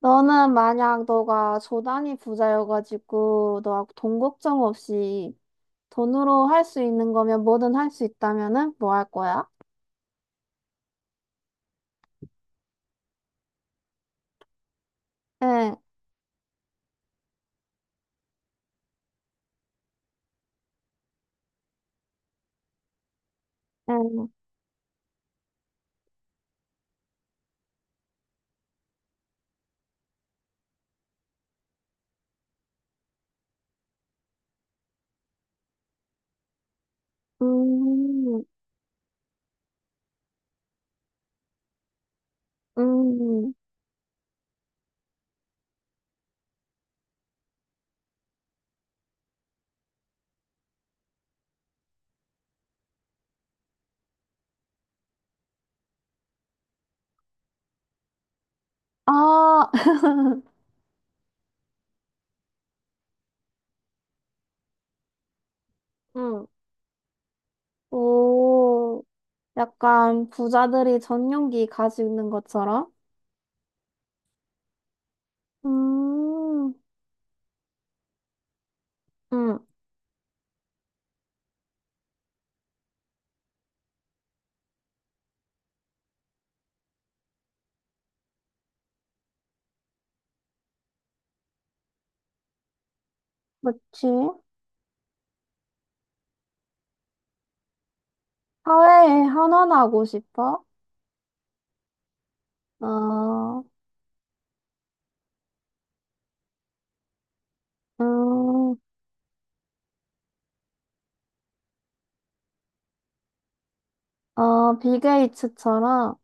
너는 만약 너가 조단이 부자여가지고 너하고 돈 걱정 없이 돈으로 할 수 있는 거면 뭐든 할 수 있다면은 뭐 할 거야? 응. 응. 음. 음. 아, 응. 오, 약간 부자들이 전용기 가지고 있는 것처럼? 음. 응. 그치? 사회에 환원하고 싶어? 어. 음. 어, 빌 게이츠처럼?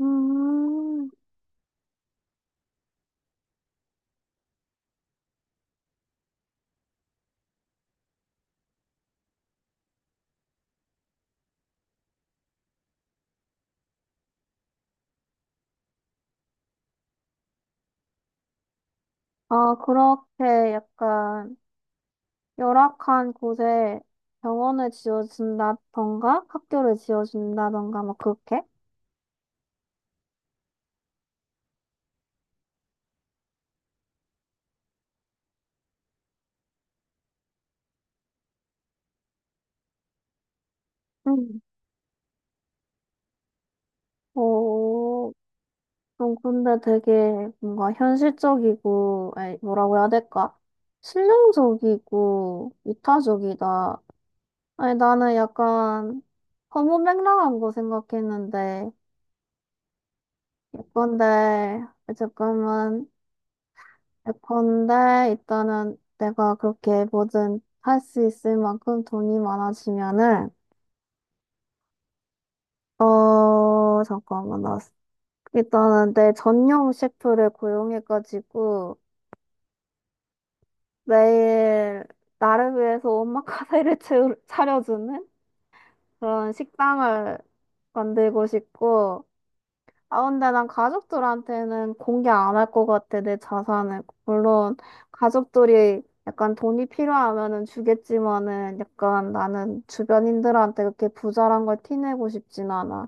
음. 아, 그렇게 약간 열악한 곳에 병원을 지어준다던가 학교를 지어준다던가 막 그렇게? 음. 어, 좀 근데 되게 뭔가 현실적이고, 아니, 뭐라고 해야 될까? 실용적이고 이타적이다. 아니, 나는 약간 허무맹랑한 거 생각했는데, 예쁜데, 잠깐만. 예컨대 일단은 내가 그렇게 뭐든 할 수 있을 만큼 돈이 많아지면은, 어, 잠깐만. 나 일단은 내 전용 셰프를 고용해가지고 매일 나를 위해서 차려주는 그런 식당을 만들고 싶고. 아, 근데 난 가족들한테는 공개 안 할 것 같아, 내 자산을. 물론 가족들이 약간 돈이 필요하면은 주겠지만은, 약간 나는 주변인들한테 그렇게 부자란 걸 티내고 싶진 않아.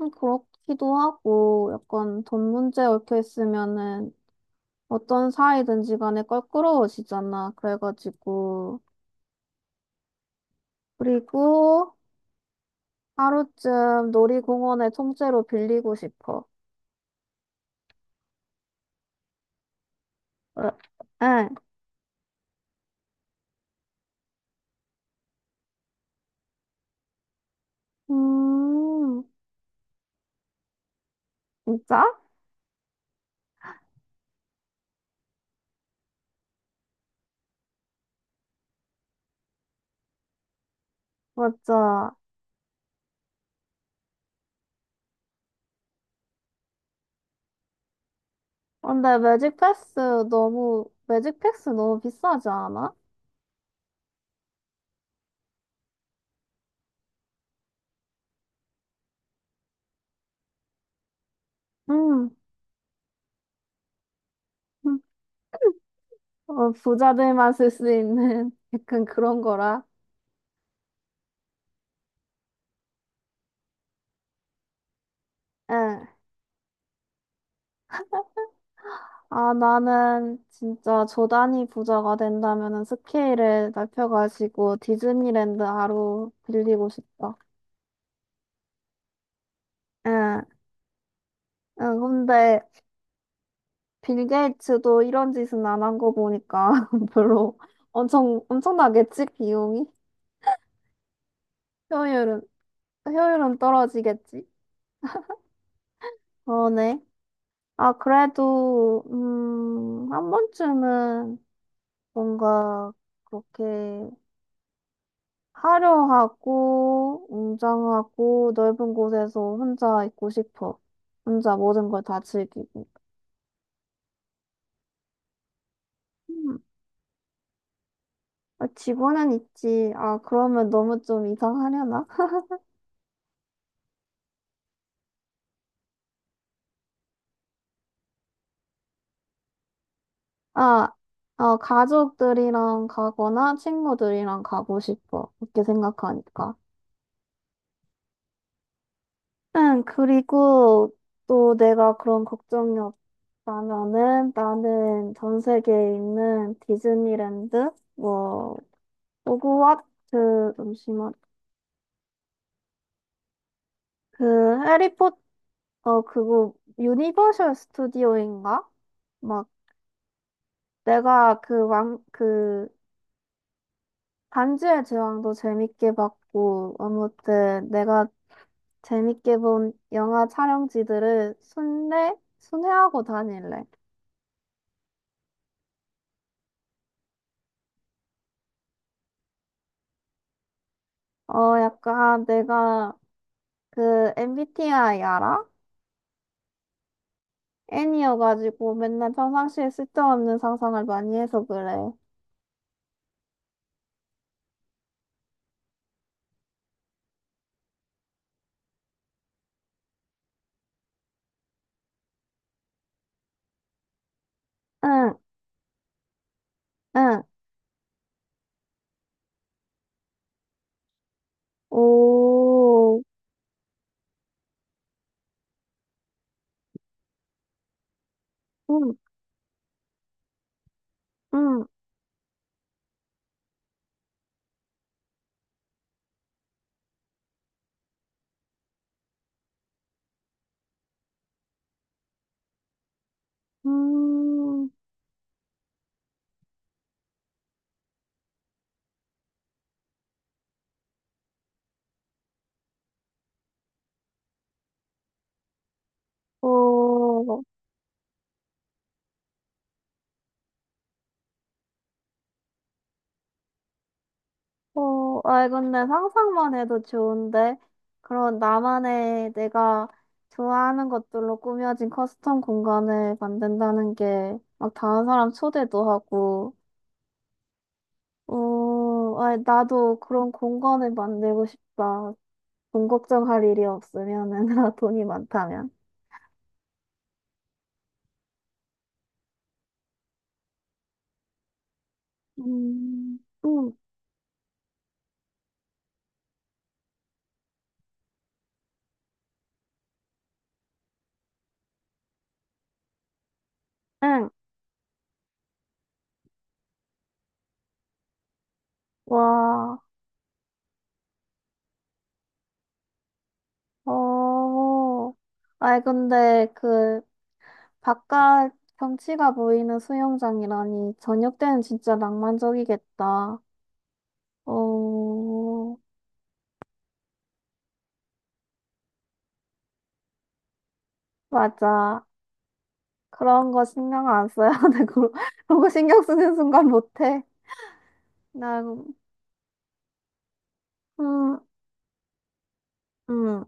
그렇기도 하고, 약간 돈 문제 얽혀 있으면은 어떤 사이든지 간에 껄끄러워지잖아. 그래가지고. 그리고 하루쯤 놀이공원에 통째로 빌리고 싶어. 응. 응. 음. 진짜? 맞아. 근데 매직 패스 너무, 매직 패스 너무 비싸지 않아? 응. 응. 어, 부자들만 쓸 수 있는 약간 그런 거라. 응. 아, 나는 진짜 조단이 부자가 된다면은 스케일을 넓혀가지고 디즈니랜드 하루 빌리고 싶다. 응. 응. 근데 빌 게이츠도 이런 짓은 안 한 거 보니까 별로. 엄청, 엄청나겠지? 비용이? 효율은, 효율은 떨어지겠지? 어. 네. 아, 그래도, 한 번쯤은 뭔가 그렇게 화려하고, 웅장하고, 넓은 곳에서 혼자 있고 싶어. 혼자 모든 걸 다 즐기고. 음, 아, 직원은 있지. 아, 그러면 너무 좀 이상하려나? 아, 어, 가족들이랑 가거나 친구들이랑 가고 싶어. 이렇게 생각하니까. 응, 그리고 또 내가 그런 걱정이. 그러면은 나는 전 세계에 있는 디즈니랜드, 뭐, 호그와트, 잠시만. 그, 해리포터, 어, 그거, 유니버셜 스튜디오인가? 막, 내가 그 왕, 그, 반지의 제왕도 재밌게 봤고, 아무튼 내가 재밌게 본 영화 촬영지들을 순례? 순회하고 다닐래. 어, 약간 내가 그 MBTI 알아? N이어가지고 맨날 평상시에 쓸데없는 상상을 많이 해서 그래. 응. 응. 오. 음. 음. 음. 오. 오. 아, 근데 상상만 해도 좋은데? 그런 나만의 내가 좋아하는 것들로 꾸며진 커스텀 공간을 만든다는 게, 막 다른 사람 초대도 하고. 오, 아, 나도 그런 공간을 만들고 싶다. 돈 걱정할 일이 없으면은, 돈이 많다면. 음. 음. 응. 와. 어. 아이, 근데 그, 바깥 경치가 보이는 수영장이라니, 저녁 때는 진짜 낭만적이겠다. 어, 맞아. 그런 거 신경 안 써야 되고, 그런 거 신경 쓰는 순간 못해. 나, 음, 음.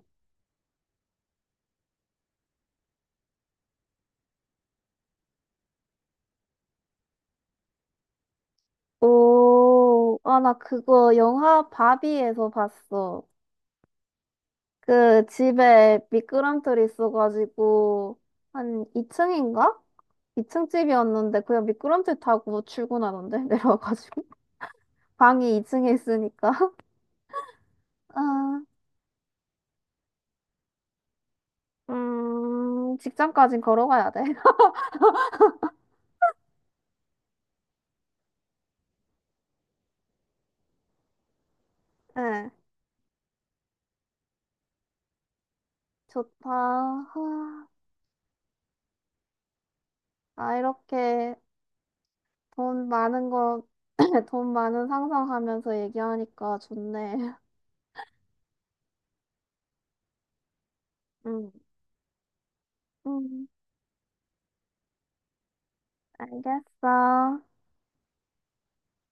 오, 아, 나 그거 영화 바비에서 봤어. 그 집에 미끄럼틀이 있어가지고 한 2층인가? 2층 집이었는데 그냥 미끄럼틀 타고 출근하던데 내려와가지고 방이 2층에 있으니까 아, 음, 직장까진 걸어가야 돼. 네, 좋다. 아, 아, 이렇게 돈 많은 거, 돈 많은 상상하면서 얘기하니까 좋네. 음. 음. 알겠어.